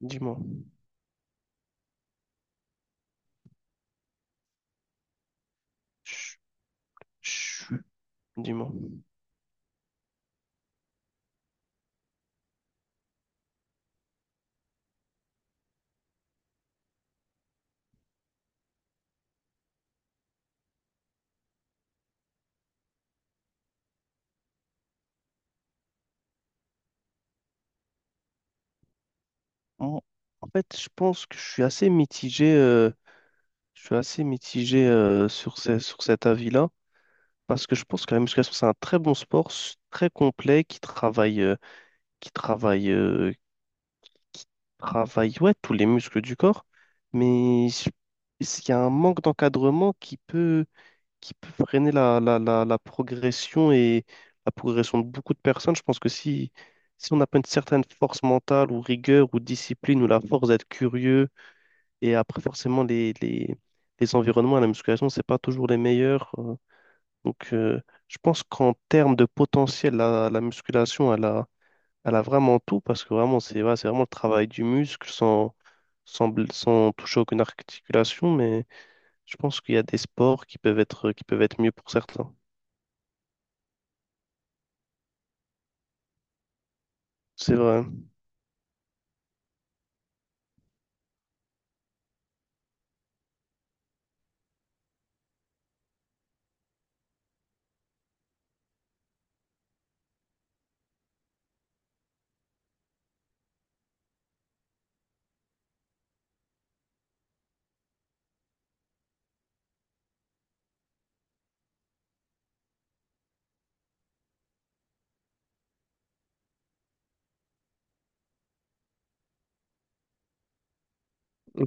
Dis-moi. Je- je- Dis-moi. En en fait, je pense que je suis assez mitigé, je suis assez mitigé, sur sur cet avis-là, parce que je pense que la musculation, c'est un très bon sport, très complet, qui travaille, qui travaille, euh, qui travaille, ouais, tous les muscles du corps, mais il y a un manque d'encadrement qui peut freiner la progression et la progression de beaucoup de personnes. Je pense que si on n'a pas une certaine force mentale ou rigueur ou discipline ou la force d'être curieux, et après forcément les environnements à la musculation, c'est pas toujours les meilleurs. Donc je pense qu'en termes de potentiel, la musculation, elle a vraiment tout parce que vraiment, c'est ouais, c'est vraiment le travail du muscle sans toucher aucune articulation, mais je pense qu'il y a des sports qui peuvent être mieux pour certains. C'est vrai.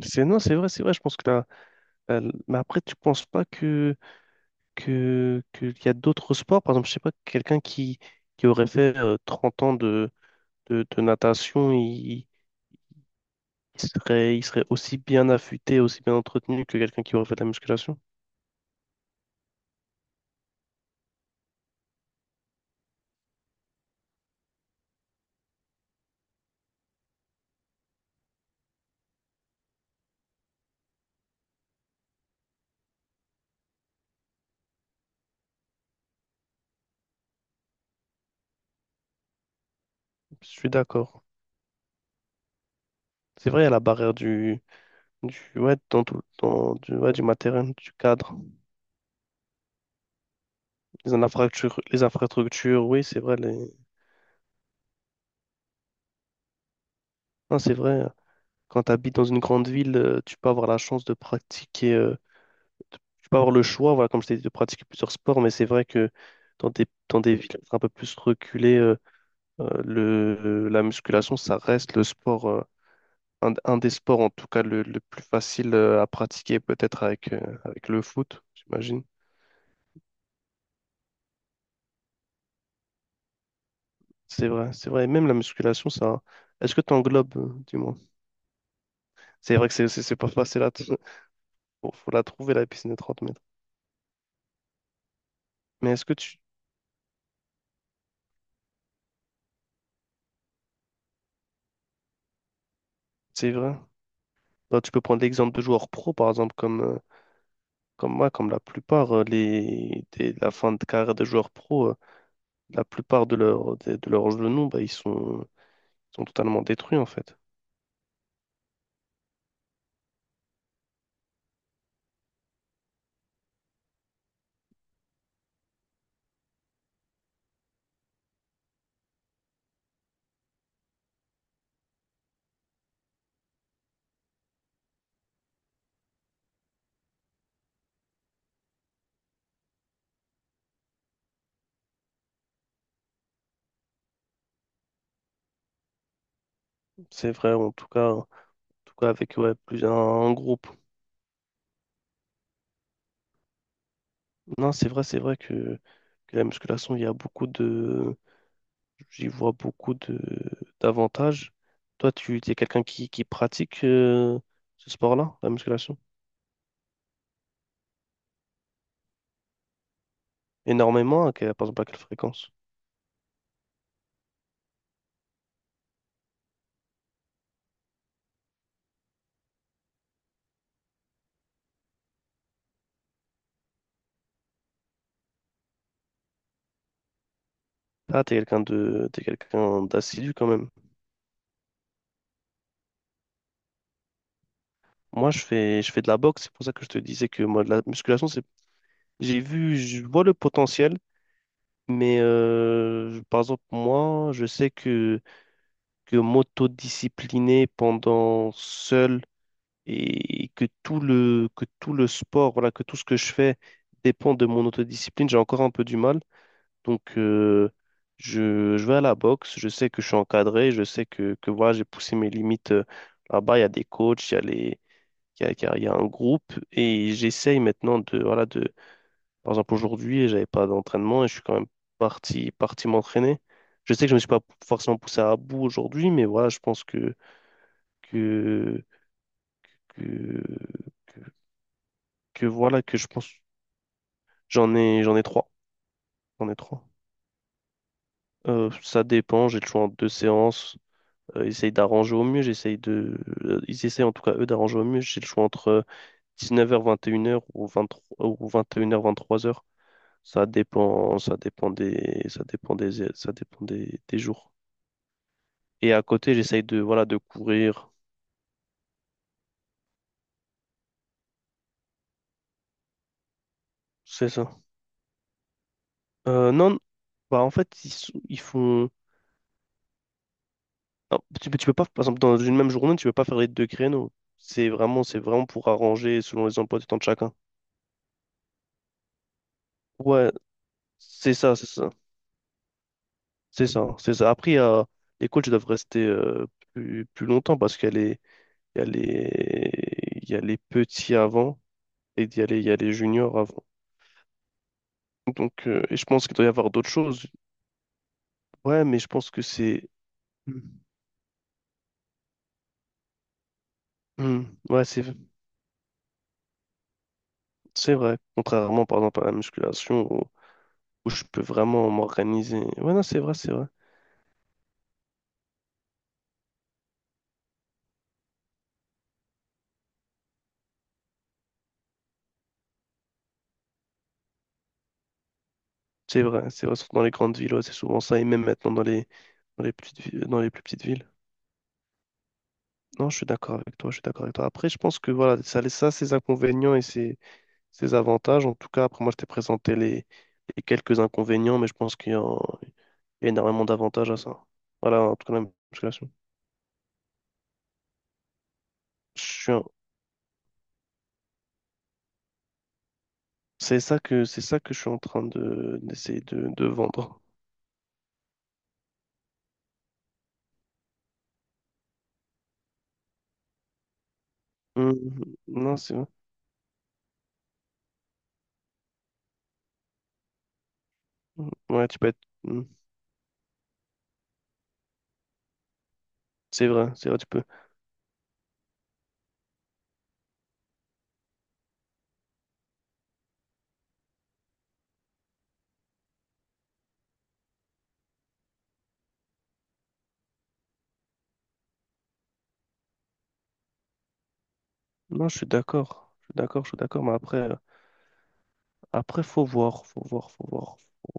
C'est, non, c'est vrai, c'est vrai. Je pense que là, mais après, tu penses pas qu'il y a d'autres sports. Par exemple, je sais pas, quelqu'un qui aurait fait 30 ans de natation, il serait aussi bien affûté, aussi bien entretenu que quelqu'un qui aurait fait de la musculation. Je suis d'accord. C'est vrai, il y a la barrière du, ouais, dans tout, dans, du, ouais, du matériel, du cadre, les infrastructures, oui, c'est vrai. Les... Non, c'est vrai. Quand tu habites dans une grande ville, tu peux avoir la chance de pratiquer, tu peux avoir le choix, voilà, comme je t'ai dit, de pratiquer plusieurs sports, mais c'est vrai que dans des villes un peu plus reculées, la musculation, ça reste le sport, un des sports en tout cas le plus facile à pratiquer, peut-être avec, avec le foot, j'imagine. C'est vrai, c'est vrai. Et même la musculation, ça. Est-ce que tu englobes, du moins? C'est vrai que c'est pas facile à. Faut la trouver, la piscine de 30 mètres. Mais est-ce que tu. C'est vrai. Bah, tu peux prendre l'exemple de joueurs pro, par exemple, comme, comme moi, comme la plupart, la fin de carrière des joueurs pro, la plupart de leurs genoux, bah, sont totalement détruits, en fait. C'est vrai, en tout cas avec ouais, plus un groupe. Non, c'est vrai que la musculation, il y a beaucoup de. J'y vois beaucoup de d'avantages. Toi, tu es quelqu'un qui pratique ce sport-là, la musculation, énormément, par exemple à quelle fréquence? Ah, t'es quelqu'un d'assidu quand même. Moi, je fais de la boxe, c'est pour ça que je te disais que moi, de la musculation, c'est j'ai vu, je vois le potentiel, mais par exemple moi, je sais que m'autodiscipliner pendant seul et que que tout le sport, voilà, que tout ce que je fais dépend de mon autodiscipline, j'ai encore un peu du mal. Donc, je vais à la boxe, je sais que je suis encadré, je sais que voilà, j'ai poussé mes limites là-bas, il y a des coachs, il y a un groupe, et j'essaye maintenant de, voilà, de, par exemple, aujourd'hui, j'avais pas d'entraînement et je suis quand même parti m'entraîner. Je sais que je me suis pas forcément poussé à bout aujourd'hui, mais voilà, je pense que, que, que voilà, que je pense. J'en ai trois. J'en ai trois. Ça dépend, j'ai le choix en deux séances. Ils essayent d'arranger au mieux, j'essaye de. Ils essayent en tout cas, eux, d'arranger au mieux. J'ai le choix entre 19h, 21h ou 23, ou 21h, 23h. Ça dépend des jours. Et à côté, j'essaye de, voilà, de courir. C'est ça. Non, bah en fait, ils font. Non, tu peux pas, par exemple, dans une même journée, tu peux pas faire les deux créneaux. C'est vraiment pour arranger selon les emplois du temps de chacun. Ouais, c'est ça, c'est ça, c'est ça, c'est ça. Après, les coachs doivent rester plus longtemps parce qu'il y a les, il y a les, il y a les petits avant et il y a les juniors avant. Donc, et je pense qu'il doit y avoir d'autres choses. Ouais, mais je pense que c'est, Hmm. Hmm, ouais, c'est vrai. Contrairement, par exemple, à la musculation où je peux vraiment m'organiser. Ouais, non, c'est vrai, c'est vrai. C'est vrai, c'est vrai, surtout dans les grandes villes, ouais, c'est souvent ça, et même maintenant dans les petites, dans les plus petites villes. Non, je suis d'accord avec toi, je suis d'accord avec toi. Après, je pense que voilà, ça a ça, ses inconvénients et ses, ses avantages. En tout cas, après, moi, je t'ai présenté les quelques inconvénients, mais je pense qu'il y a, il y a énormément d'avantages à ça. Voilà, en tout cas, la musculation. Je suis un- c'est ça que je suis en train de, d'essayer de vendre. Hum, Non, c'est vrai. Mhm. Ouais, tu peux être. hum, c'est vrai, tu peux. Non, je suis d'accord. Je suis d'accord, je suis d'accord, mais après. Après, faut voir, faut voir, faut voir. Faut,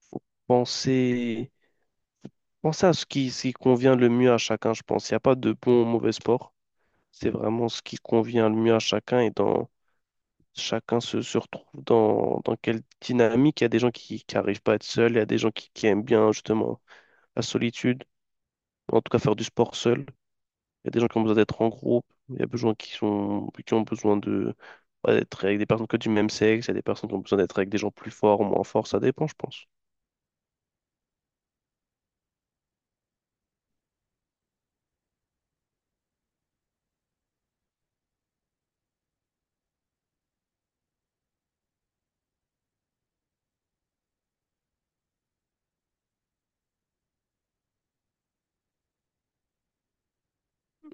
faut penser, penser à ce qui convient le mieux à chacun, je pense. Il n'y a pas de bon ou mauvais sport. C'est vraiment ce qui convient le mieux à chacun et dans chacun se retrouve dans quelle dynamique. Il y a des gens qui n'arrivent pas à être seuls, il y a des gens qui aiment bien justement la solitude, en tout cas faire du sport seul. Il y a des gens qui ont besoin d'être en groupe, il y a besoin qui sont, qui ont besoin de, ouais, d'être avec des personnes que du même sexe, il y a des personnes qui ont besoin d'être avec des gens plus forts ou moins forts, ça dépend, je pense.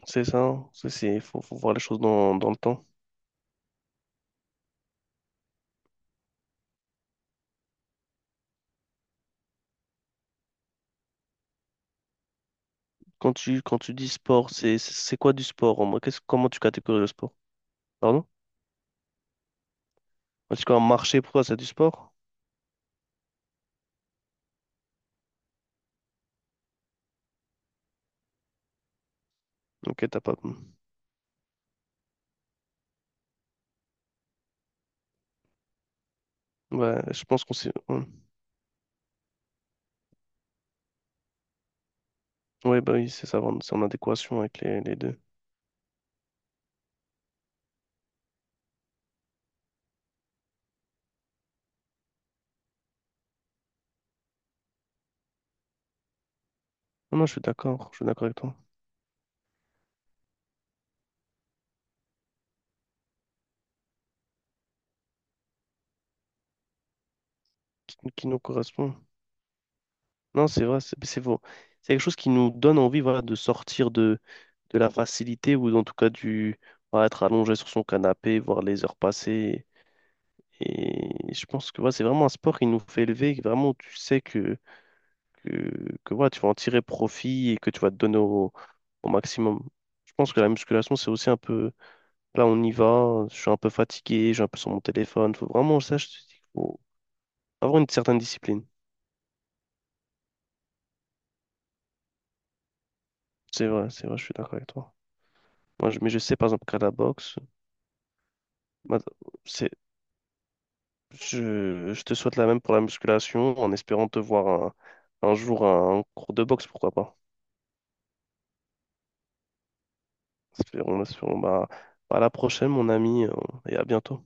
C'est ça, hein. Faut voir les choses dans, dans le temps. Quand tu dis sport, c'est quoi du sport en mode comment tu catégorises le sport? Pardon? Quand tu dis marché, pour toi, c'est du sport? Ok, t'as pas. Ouais, je pense qu'on s'est. Ouais, Ouais, bah oui, c'est ça, vraiment, c'est en adéquation avec les deux. Non, non, je suis d'accord avec toi. Qui nous correspond? Non, c'est vrai, c'est faux. C'est quelque chose qui nous donne envie, voilà, de sortir de la facilité ou en tout cas du. Voilà, être allongé sur son canapé, voir les heures passer. Et je pense que ouais, c'est vraiment un sport qui nous fait élever, que vraiment tu sais que, ouais, tu vas en tirer profit et que tu vas te donner au maximum. Je pense que la musculation, c'est aussi un peu, là on y va, je suis un peu fatigué, je suis un peu sur mon téléphone. Faut vraiment, ça, je te dis, faut avoir une certaine discipline. C'est vrai, je suis d'accord avec toi. Moi, mais je sais, par exemple, qu'à la boxe, ma- c'est, je te souhaite la même pour la musculation en espérant te voir un jour à un cours de boxe, pourquoi pas. Espérons, espérons. Bah, à la prochaine, mon ami, et à bientôt.